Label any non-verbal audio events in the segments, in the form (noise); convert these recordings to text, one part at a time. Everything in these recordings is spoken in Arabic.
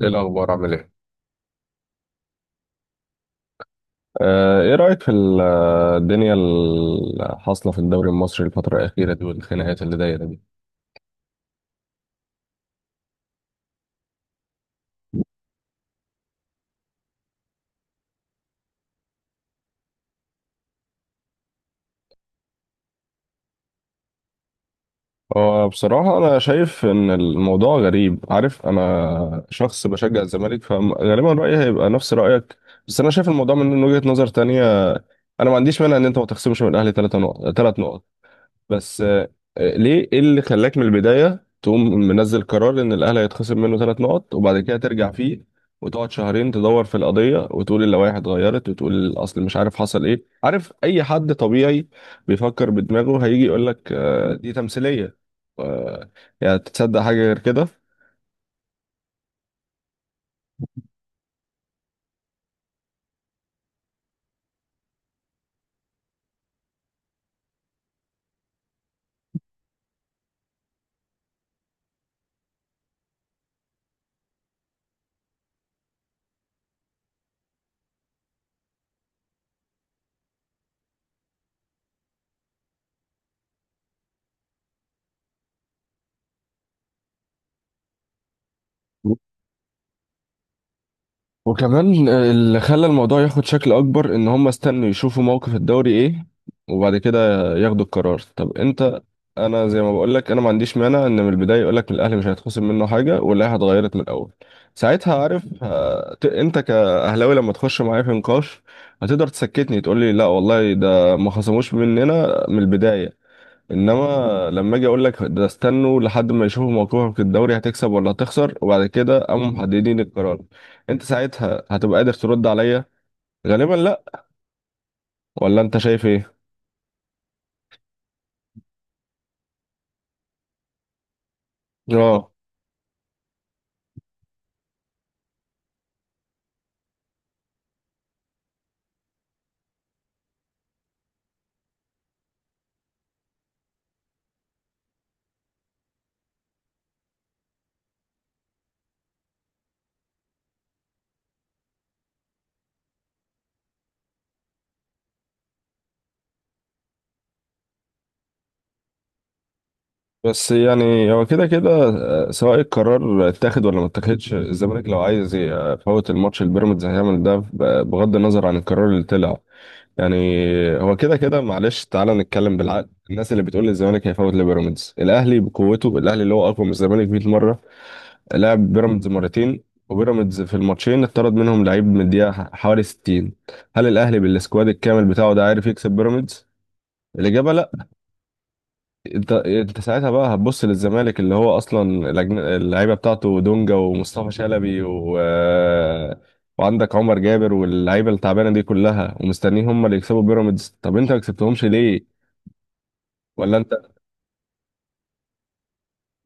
ايه الاخبار، عامل ايه؟ ايه رأيك في الدنيا اللي حاصلة في الدوري المصري الفترة الأخيرة دي والخناقات اللي دايرة دي؟ هو بصراحة أنا شايف إن الموضوع غريب. عارف، أنا شخص بشجع الزمالك، فغالبا رأيي هيبقى نفس رأيك. بس أنا شايف الموضوع من وجهة نظر تانية. أنا ما عنديش مانع إن أنت ما تخصمش من الأهلي ثلاث نقط، ثلاث نقط. بس، ليه ايه اللي خلاك من البداية تقوم منزل قرار ان الاهلي هيتخصم منه ثلاث نقط، وبعد كده ترجع فيه، وتقعد شهرين تدور في القضية، وتقول اللوائح اتغيرت، وتقول الاصل، مش عارف حصل ايه. عارف، اي حد طبيعي بيفكر بدماغه هيجي يقول لك دي تمثيلية. آه، يعني تتصدق حاجة غير كده؟ وكمان اللي خلى الموضوع ياخد شكل اكبر ان هم استنوا يشوفوا موقف الدوري ايه وبعد كده ياخدوا القرار. طب انت، انا زي ما بقول لك، انا ما عنديش مانع ان من البدايه يقول لك الاهلي مش هيتخصم منه حاجه واللائحه اتغيرت من الاول. ساعتها، عارف، انت كاهلاوي لما تخش معايا في نقاش، هتقدر تسكتني، تقول لي لا والله ده ما خصموش مننا من البدايه. انما لما اجي اقول لك ده استنوا لحد ما يشوفوا موقفهم في الدوري هتكسب ولا هتخسر، وبعد كده قاموا محددين القرار، انت ساعتها هتبقى قادر ترد عليا؟ غالبا لا. ولا انت شايف ايه؟ اه. بس يعني هو كده كده، سواء القرار اتاخد ولا ما اتاخدش، الزمالك لو عايز يفوت الماتش البيراميدز هيعمل ده بغض النظر عن القرار اللي طلع. يعني هو كده كده. معلش تعالى نتكلم بالعقل. الناس اللي بتقول الزمالك هيفوت لبيراميدز، الاهلي بقوته، الاهلي اللي هو اقوى من الزمالك 100 مره، لعب بيراميدز مرتين، وبيراميدز في الماتشين اتطرد منهم لعيب من الدقيقة حوالي 60. هل الأهلي بالسكواد الكامل بتاعه ده عارف يكسب بيراميدز؟ الإجابة لأ. أنت ساعتها بقى هتبص للزمالك اللي هو أصلا اللعيبة بتاعته دونجا ومصطفى شلبي، و... وعندك عمر جابر واللعيبة التعبانة دي كلها، ومستنيين هم اللي يكسبوا بيراميدز؟ طب أنت ما كسبتهمش ليه؟ ولا أنت؟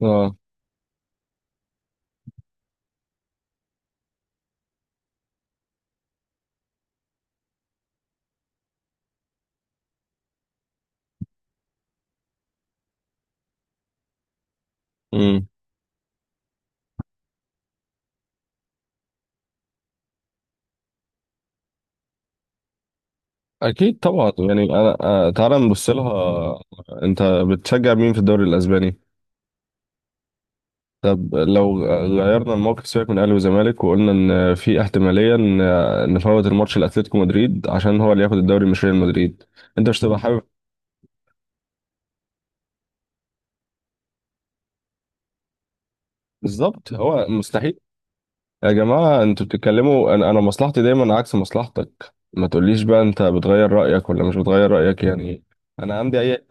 آه. امم. أكيد طبعا. يعني أنا تعالى نبص لها. أنت بتشجع مين في الدوري الأسباني؟ طب لو غيرنا الموقف، سيبك من اهلي وزمالك، وقلنا ان في احتماليه إن نفوت الماتش لاتلتيكو مدريد عشان هو اللي ياخد الدوري مش ريال مدريد، انت مش تبقى حابب؟ بالظبط، هو مستحيل. يا جماعه، انتوا بتتكلموا، انا مصلحتي دايما عكس مصلحتك. ما تقوليش بقى انت بتغير رايك ولا مش بتغير رايك يعني. انا عندي اي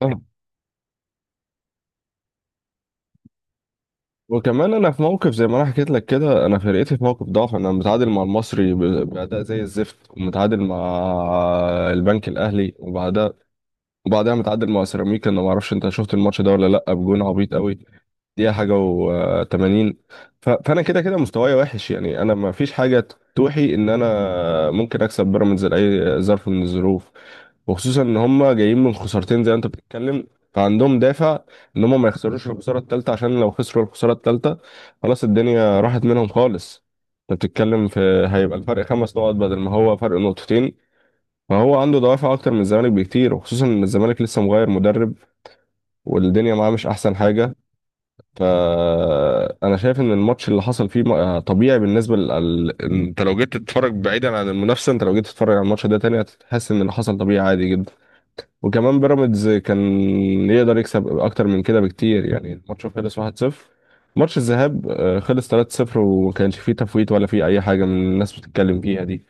(clears throat) آه. وكمان انا في موقف، زي ما انا حكيت لك كده، انا فرقتي في موقف ضعف. انا متعادل مع المصري باداء زي الزفت، ومتعادل مع البنك الاهلي، وبعدها متعادل مع سيراميكا. انا ما اعرفش انت شفت الماتش ده ولا لا، بجون عبيط قوي. دي حاجه، و80. فانا كده كده مستواي وحش. يعني انا ما فيش حاجه توحي ان انا ممكن اكسب بيراميدز لاي ظرف من الظروف، وخصوصا ان هم جايين من خسارتين، زي ما انت بتتكلم. فعندهم دافع ان هم ما يخسروش الخساره الثالثه، عشان لو خسروا الخساره الثالثه خلاص الدنيا راحت منهم خالص. انت بتتكلم في، هيبقى الفرق خمس نقط بدل ما هو فرق نقطتين. فهو عنده دوافع اكتر من الزمالك بكتير، وخصوصا ان الزمالك لسه مغير مدرب، والدنيا معاه مش احسن حاجه. فانا شايف ان الماتش اللي حصل فيه طبيعي بالنسبه انت لو جيت تتفرج بعيدا عن المنافسه، انت لو جيت تتفرج على الماتش ده تاني هتحس ان اللي حصل طبيعي عادي جدا. وكمان بيراميدز كان يقدر يكسب اكتر من كده بكتير. يعني الماتش خلص 1-0. ماتش الذهاب خلص 3-0، وما كانش فيه تفويت ولا فيه اي حاجه من الناس بتتكلم فيها دي.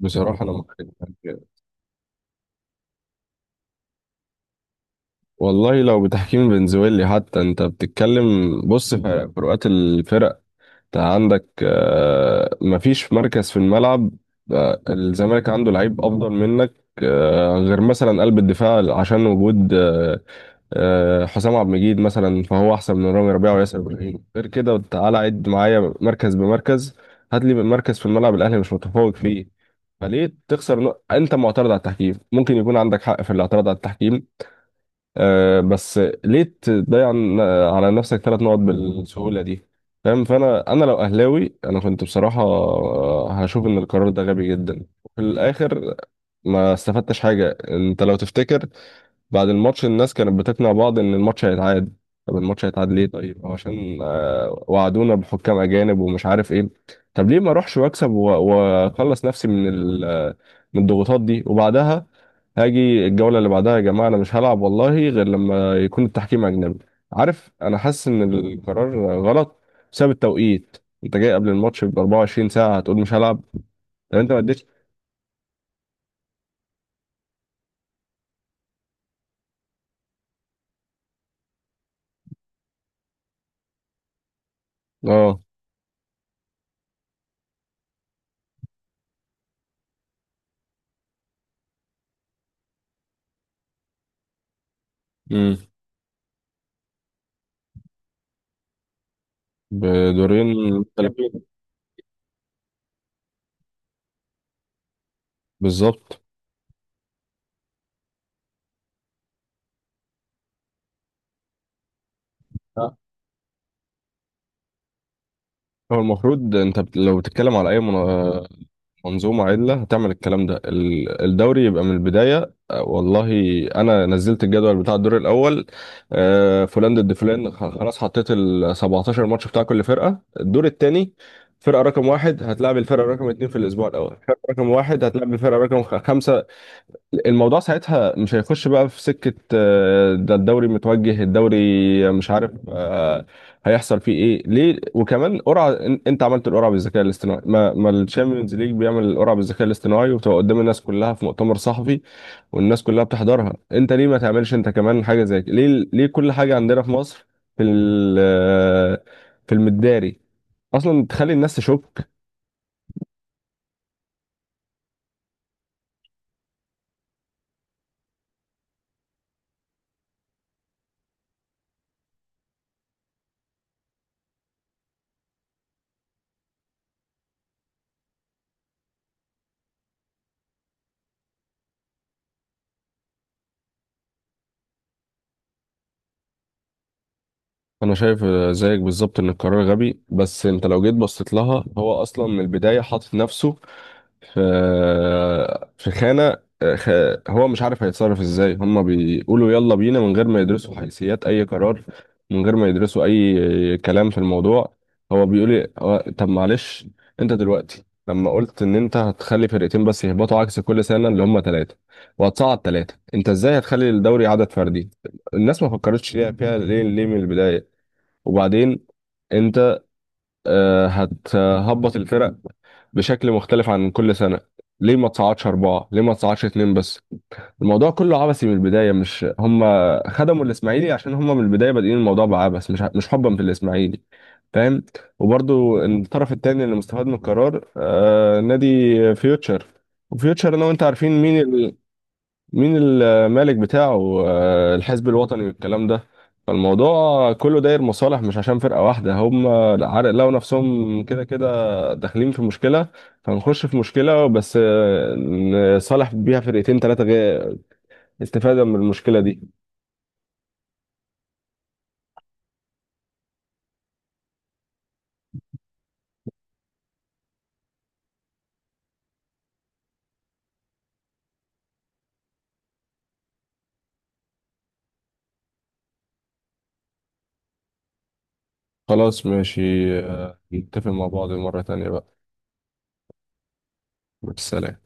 بصراحه انا مختلف. والله لو بتحكيم فنزويلي حتى، انت بتتكلم. بص في فروقات الفرق. انت عندك مفيش مركز في الملعب. الزمالك عنده لعيب افضل منك. غير مثلا قلب الدفاع، عشان وجود حسام عبد المجيد مثلا، فهو احسن من رامي ربيعه وياسر ابراهيم. غير كده تعالى عد معايا مركز بمركز. هات لي مركز في الملعب الاهلي مش متفوق فيه. فليه تخسر انت معترض على التحكيم، ممكن يكون عندك حق في الاعتراض على التحكيم. آه، بس ليه تضيع على نفسك ثلاث نقط بالسهولة دي؟ فاهم؟ فانا لو اهلاوي انا كنت بصراحة هشوف ان القرار ده غبي جدا، وفي الاخر ما استفدتش حاجة. انت لو تفتكر بعد الماتش الناس كانت بتقنع بعض ان الماتش هيتعاد. طب الماتش هيتعاد ليه؟ طيب هو عشان وعدونا بحكام اجانب ومش عارف ايه. طب ليه ما اروحش واكسب واخلص نفسي من من الضغوطات دي. وبعدها هاجي الجولة اللي بعدها، يا جماعة انا مش هلعب والله غير لما يكون التحكيم اجنبي. عارف، انا حاسس ان القرار غلط بسبب التوقيت. انت جاي قبل الماتش ب 24 ساعة، هتقول مش هلعب؟ طب انت ما اديتش. اه. امم بدورين مختلفين. بالظبط. هو المفروض انت لو بتتكلم على اي منظومه عدله، هتعمل الكلام ده. الدوري يبقى من البدايه. والله انا نزلت الجدول بتاع الدور الاول. فلان ضد فلان. خلاص حطيت ال 17 ماتش بتاع كل فرقه، الدور الثاني فرقه رقم واحد هتلعب الفرقه رقم اثنين في الاسبوع الاول، فرقه رقم واحد هتلعب الفرقه رقم خمسه. الموضوع ساعتها مش هيخش بقى في سكة ده الدوري متوجه، الدوري مش عارف هيحصل فيه ايه؟ ليه؟ وكمان قرعة، انت عملت القرعة بالذكاء الاصطناعي! ما الشامبيونز ليج بيعمل القرعة بالذكاء الاصطناعي وبتبقى قدام الناس كلها في مؤتمر صحفي، والناس كلها بتحضرها. انت ليه ما تعملش انت كمان حاجة زي كده؟ ليه؟ ليه كل حاجة عندنا في مصر في في المداري اصلا تخلي الناس تشك؟ انا شايف زيك بالظبط ان القرار غبي. بس انت لو جيت بصيت لها هو اصلا من البدايه حاطط نفسه في في خانه، هو مش عارف هيتصرف ازاي. هما بيقولوا يلا بينا من غير ما يدرسوا حيثيات اي قرار، من غير ما يدرسوا اي كلام في الموضوع. هو بيقول لي طب معلش، انت دلوقتي لما قلت ان انت هتخلي فرقتين بس يهبطوا، عكس كل سنه اللي هما ثلاثه، وهتصعد ثلاثه، انت ازاي هتخلي الدوري عدد فردي؟ الناس ما فكرتش ليه فيها؟ ليه؟ ليه من البدايه؟ وبعدين انت هتهبط الفرق بشكل مختلف عن كل سنة. ليه ما تصعدش أربعة؟ ليه ما تصعدش اتنين بس؟ الموضوع كله عبثي من البداية. مش هم خدموا الإسماعيلي، عشان هم من البداية بادئين الموضوع بعبث، مش حبا في الإسماعيلي. فاهم؟ وبرضو الطرف التاني اللي مستفاد من القرار نادي فيوتشر. وفيوتشر أنا وأنت عارفين مين، مين المالك بتاعه. الحزب الوطني والكلام ده. فالموضوع كله داير مصالح، مش عشان فرقة واحدة. هم عارف لقوا نفسهم كده كده داخلين في مشكلة، فنخش في مشكلة بس نصالح بيها فرقتين تلاتة، غير استفادة من المشكلة دي. خلاص، ماشي. نتفق مع بعض مرة تانية بقى. والسلام.